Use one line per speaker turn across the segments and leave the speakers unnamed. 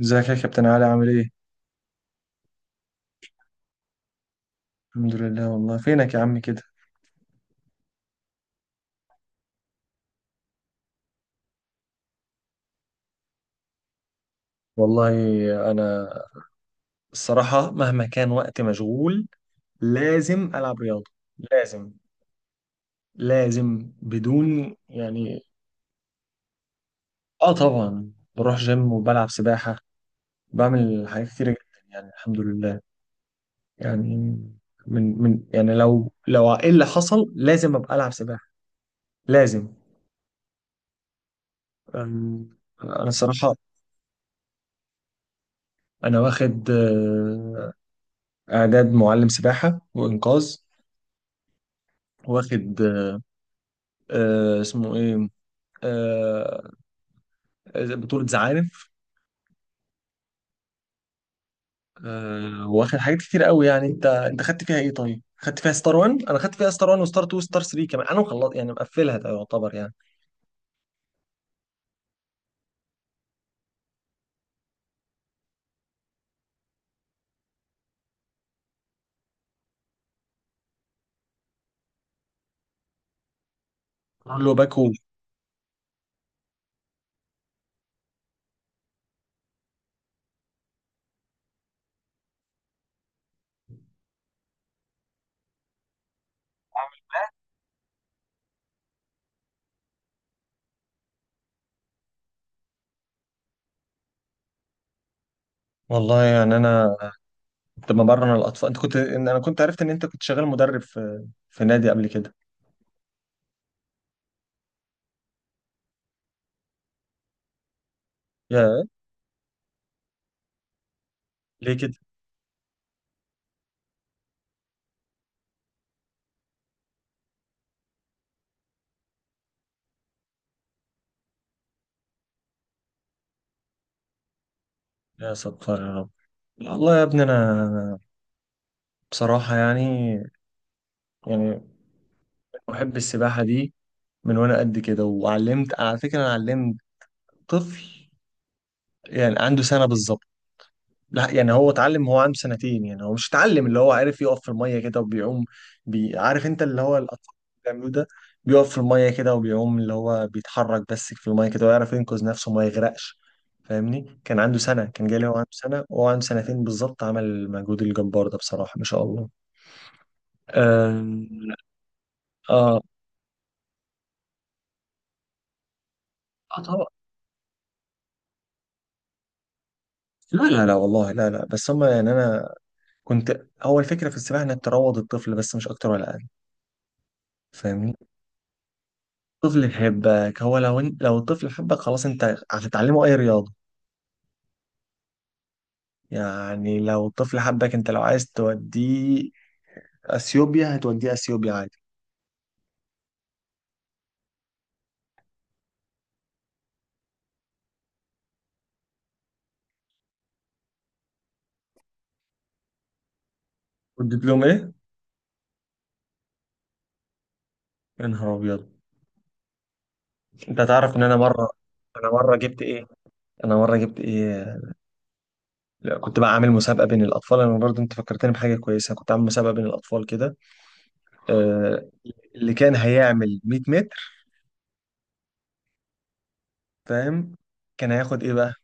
ازيك يا كابتن علي عامل ايه؟ الحمد لله. والله فينك يا عم كده؟ والله انا الصراحة، مهما كان وقت مشغول لازم العب رياضة. لازم، لازم بدون يعني. اه، طبعا بروح جيم وبلعب سباحة. بعمل حاجات كتيرة جدا يعني، الحمد لله. يعني من يعني لو ايه اللي حصل، لازم ابقى العب سباحة. لازم. أم، انا الصراحة، انا واخد اعداد معلم سباحة وانقاذ. واخد آه اسمه ايه آه آه، بطولة زعانف. واخد حاجات كتير قوي يعني. انت خدت فيها ايه طيب؟ خدت فيها ستار 1، انا خدت فيها ستار 1 وستار 2 وستار 3 كمان. انا مخلص يعني، مقفلها. ده يعتبر يعني كله باكو. والله يعني انا كنت بمرن الاطفال. انت كنت انا كنت عرفت ان انت كنت شغال مدرب في نادي قبل كده. يا، ليه كده؟ يا ستار، يا رب. والله يا ابني، انا بصراحة يعني بحب السباحة دي من وانا قد كده. وعلمت على فكرة، انا علمت طفل يعني عنده سنة بالظبط. لا يعني، هو اتعلم. هو عنده سنتين يعني. هو مش اتعلم، اللي هو عارف يقف في المية كده وبيعوم. عارف انت اللي هو الأطفال اللي بيعملوه ده، بيقف في المية كده وبيعوم، اللي هو بيتحرك بس في المية كده، ويعرف ينقذ نفسه وما يغرقش. فاهمني؟ كان عنده سنة. كان جالي هو عنده سنة، وهو عنده سنتين بالظبط عمل المجهود الجبار ده. بصراحة ما شاء الله. آه... اه، اه طبعا. لا لا لا، والله لا لا، بس هما يعني. انا كنت اول فكرة في السباحة انك تروض الطفل، بس مش اكتر ولا اقل. فاهمني؟ طفل يحبك، هو لو لو الطفل حبك خلاص، انت هتتعلمه اي رياضة. يعني لو الطفل حبك انت، لو عايز توديه اثيوبيا هتوديه اثيوبيا عادي. والدبلوم ايه؟ يا نهار ابيض. انت تعرف ان انا مرة جبت ايه؟ انا مرة جبت ايه؟ لا، كنت بقى عامل مسابقة بين الاطفال. انا برضه انت فكرتني بحاجة كويسة. كنت عامل مسابقة بين الاطفال كده. آه، اللي كان هيعمل 100 متر. فاهم؟ كان هياخد ايه بقى؟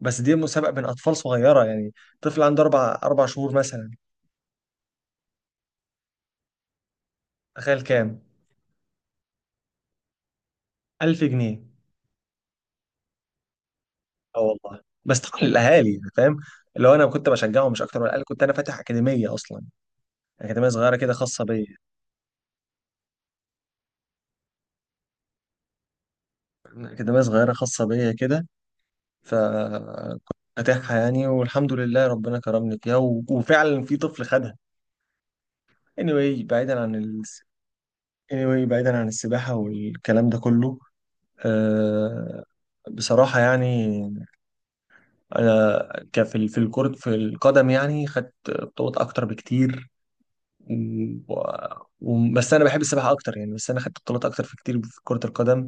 بس دي مسابقة بين اطفال صغيرة يعني. طفل عنده اربع شهور مثلا. تخيل كام؟ 1000 جنيه. اه والله. بس طبعا الاهالي يعني فاهم، لو انا كنت بشجعهم مش اكتر ولا اقل. كنت انا فاتح اكاديميه اصلا. اكاديميه صغيره كده خاصه بيا. اكاديميه صغيره خاصه بيا كده. فكنت فاتحها يعني، والحمد لله ربنا كرمني فيها. وفعلا في طفل خدها. anyway بعيدا عن anyway بعيدا عن السباحه والكلام ده كله. أه... بصراحة يعني، أنا كفي في في الكرة في القدم يعني، خدت بطولات أكتر بكتير. و... بس انا بحب السباحه اكتر يعني. بس انا خدت بطولات اكتر في كتير في كره القدم.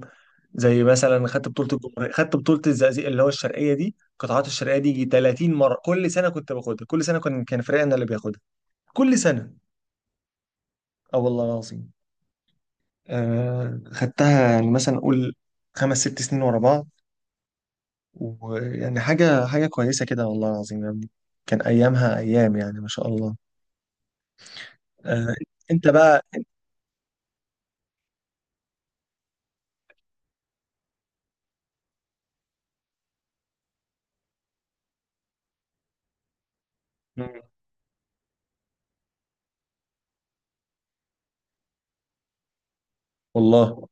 زي مثلا خدت بطوله الجمهوريه. خدت بطوله الزقازيق اللي هو الشرقيه دي، قطاعات الشرقيه دي يجي 30 مره. كل سنه كنت باخدها. كل سنه كان فريقنا اللي بياخدها كل سنه. اه والله العظيم. خدتها يعني مثلا اقول 5 6 سنين ورا بعض. ويعني حاجه كويسه كده، والله العظيم يا ابني. كان ايامها ايام يعني، ما شاء الله. آه انت بقى. مم. والله.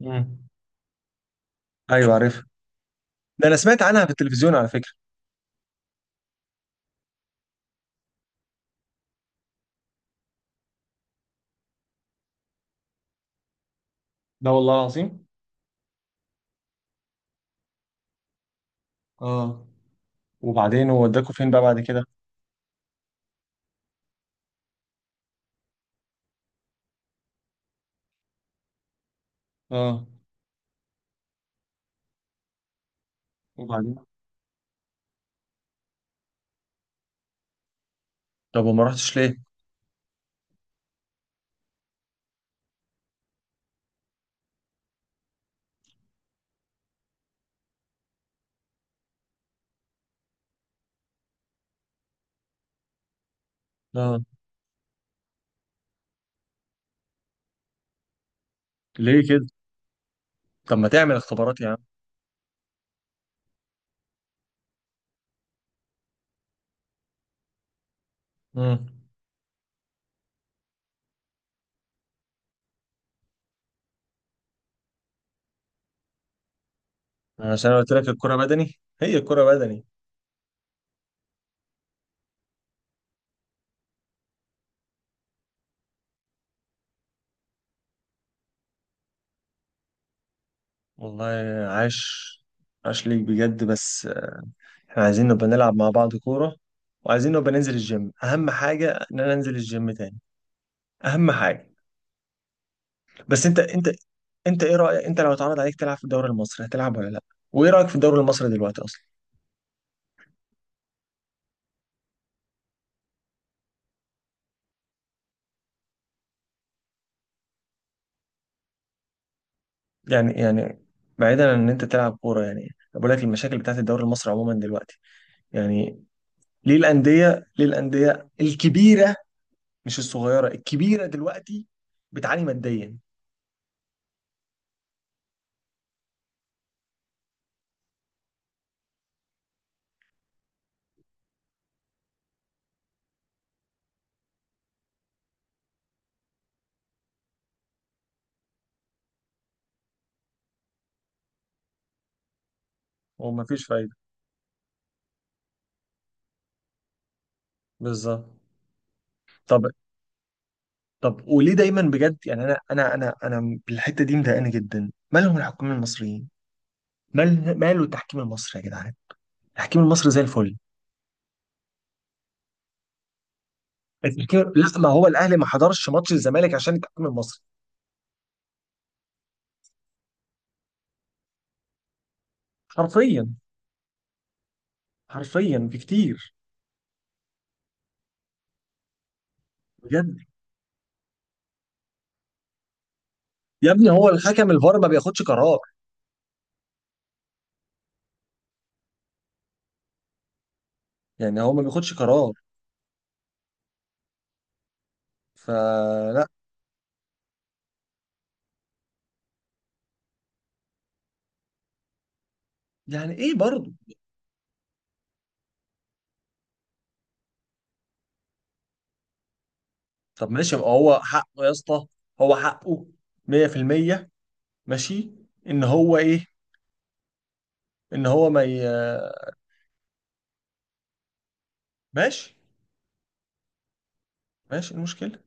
مم. ايوه عارف، ده انا سمعت عنها في التلفزيون على فكرة. ده والله العظيم. اه، وبعدين هو وداكوا فين بقى بعد كده؟ اه، وبعدين طب وما رحتش ليه؟ اه، ليه كده؟ طب ما تعمل اختبارات يا عم. امم. عشان أنا قلت لك الكرة بدني. هي الكرة بدني. والله. عاش، عاش ليك بجد. بس احنا عايزين نبقى نلعب مع بعض كورة، وعايزين نبقى ننزل الجيم. اهم حاجة ان انا انزل الجيم تاني، اهم حاجة. بس انت ايه رأيك انت لو اتعرض عليك تلعب في الدوري المصري، هتلعب ولا لا؟ وايه رأيك في الدوري المصري دلوقتي اصلا؟ يعني بعيدا عن ان انت تلعب كوره يعني. أنا بقول لك المشاكل بتاعت الدوري المصري عموما دلوقتي، يعني ليه الانديه الكبيره، مش الصغيره، الكبيره دلوقتي، بتعاني ماديا. ومفيش فايده. بالظبط. طب، طب وليه دايما بجد يعني؟ انا بالحته دي مضايقاني جدا، مالهم الحكام المصريين؟ ماله التحكيم المصري يا جدعان؟ التحكيم المصري زي الفل. التحكيم لا، ما هو الاهلي ما حضرش ماتش الزمالك عشان التحكيم المصري. حرفيا، حرفيا بكتير. بجد يا ابني، هو الحكم الفار ما بياخدش قرار. يعني هو ما بياخدش قرار. فلا. يعني ايه برضه؟ طب ماشي، يبقى هو حقه يا اسطى. هو حقه 100%. ماشي. ان هو ايه؟ ان هو ما ي... ماشي، ماشي، إيه المشكله؟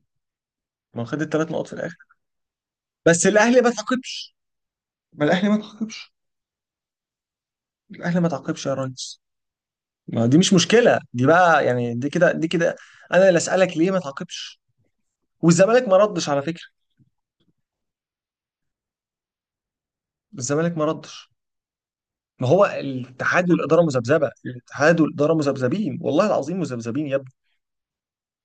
ما هو خد الثلاث نقط في الاخر. بس الاهلي ما تعاقبش. ما الاهلي ما تعاقبش. الاهلي ما تعاقبش يا ريس. ما دي مش مشكله دي بقى يعني. دي كده، دي كده. انا اللي اسالك، ليه ما تعاقبش؟ والزمالك ما ردش على فكره. الزمالك ما ردش. ما هو الاتحاد والاداره مذبذبه. الاتحاد والاداره مذبذبين، والله العظيم مذبذبين يا ابني.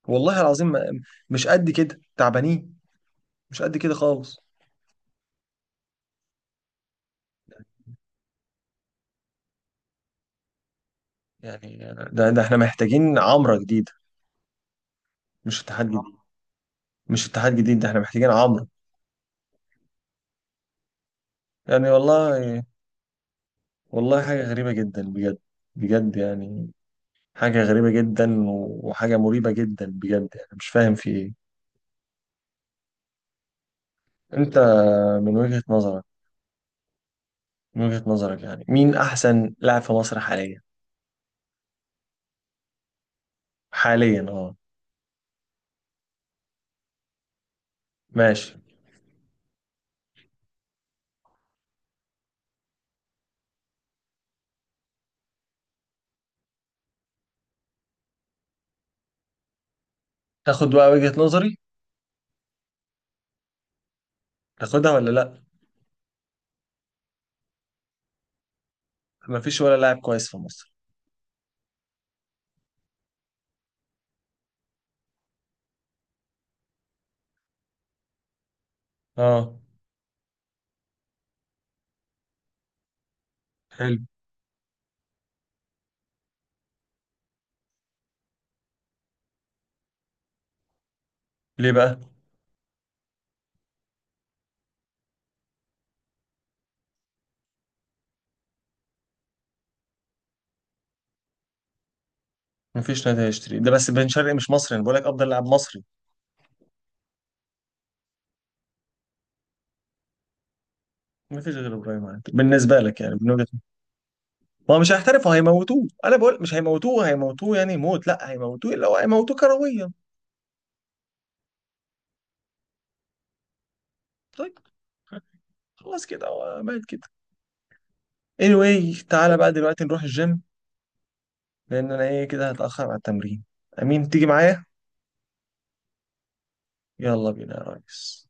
والله العظيم مش قد كده تعبانين. مش قد كده خالص. يعني ده احنا محتاجين عمره جديده، مش اتحاد جديد. مش اتحاد جديد، ده احنا محتاجين عمره. يعني والله، والله حاجه غريبه جدا بجد. بجد يعني. حاجه غريبه جدا وحاجه مريبه جدا بجد يعني، مش فاهم في ايه. انت من وجهه نظرك، يعني مين احسن لاعب في مصر حاليا؟ حاليا، اه. ماشي. تاخد بقى وجهة نظري، تاخدها ولا لا؟ مفيش ولا لاعب كويس في مصر. اه، حلو. ليه بقى؟ مفيش نادي هيشتري ده، بس بن شرقي مش مصري، انا بقول لك افضل لاعب مصري. مفيش غير ابراهيم عادل بالنسبه لك، يعني من وجهة نظري. ما هو مش هيحترفوا، هيموتوه. انا بقول مش هيموتوه، هيموتوه يعني موت. لا هيموتوه، لو هيموتوه كرويا. طيب خلاص كده هو مات كده. anyway تعالى بقى دلوقتي نروح الجيم. لان انا ايه كده هتاخر على التمرين. امين تيجي معايا؟ يلا بينا يا ريس.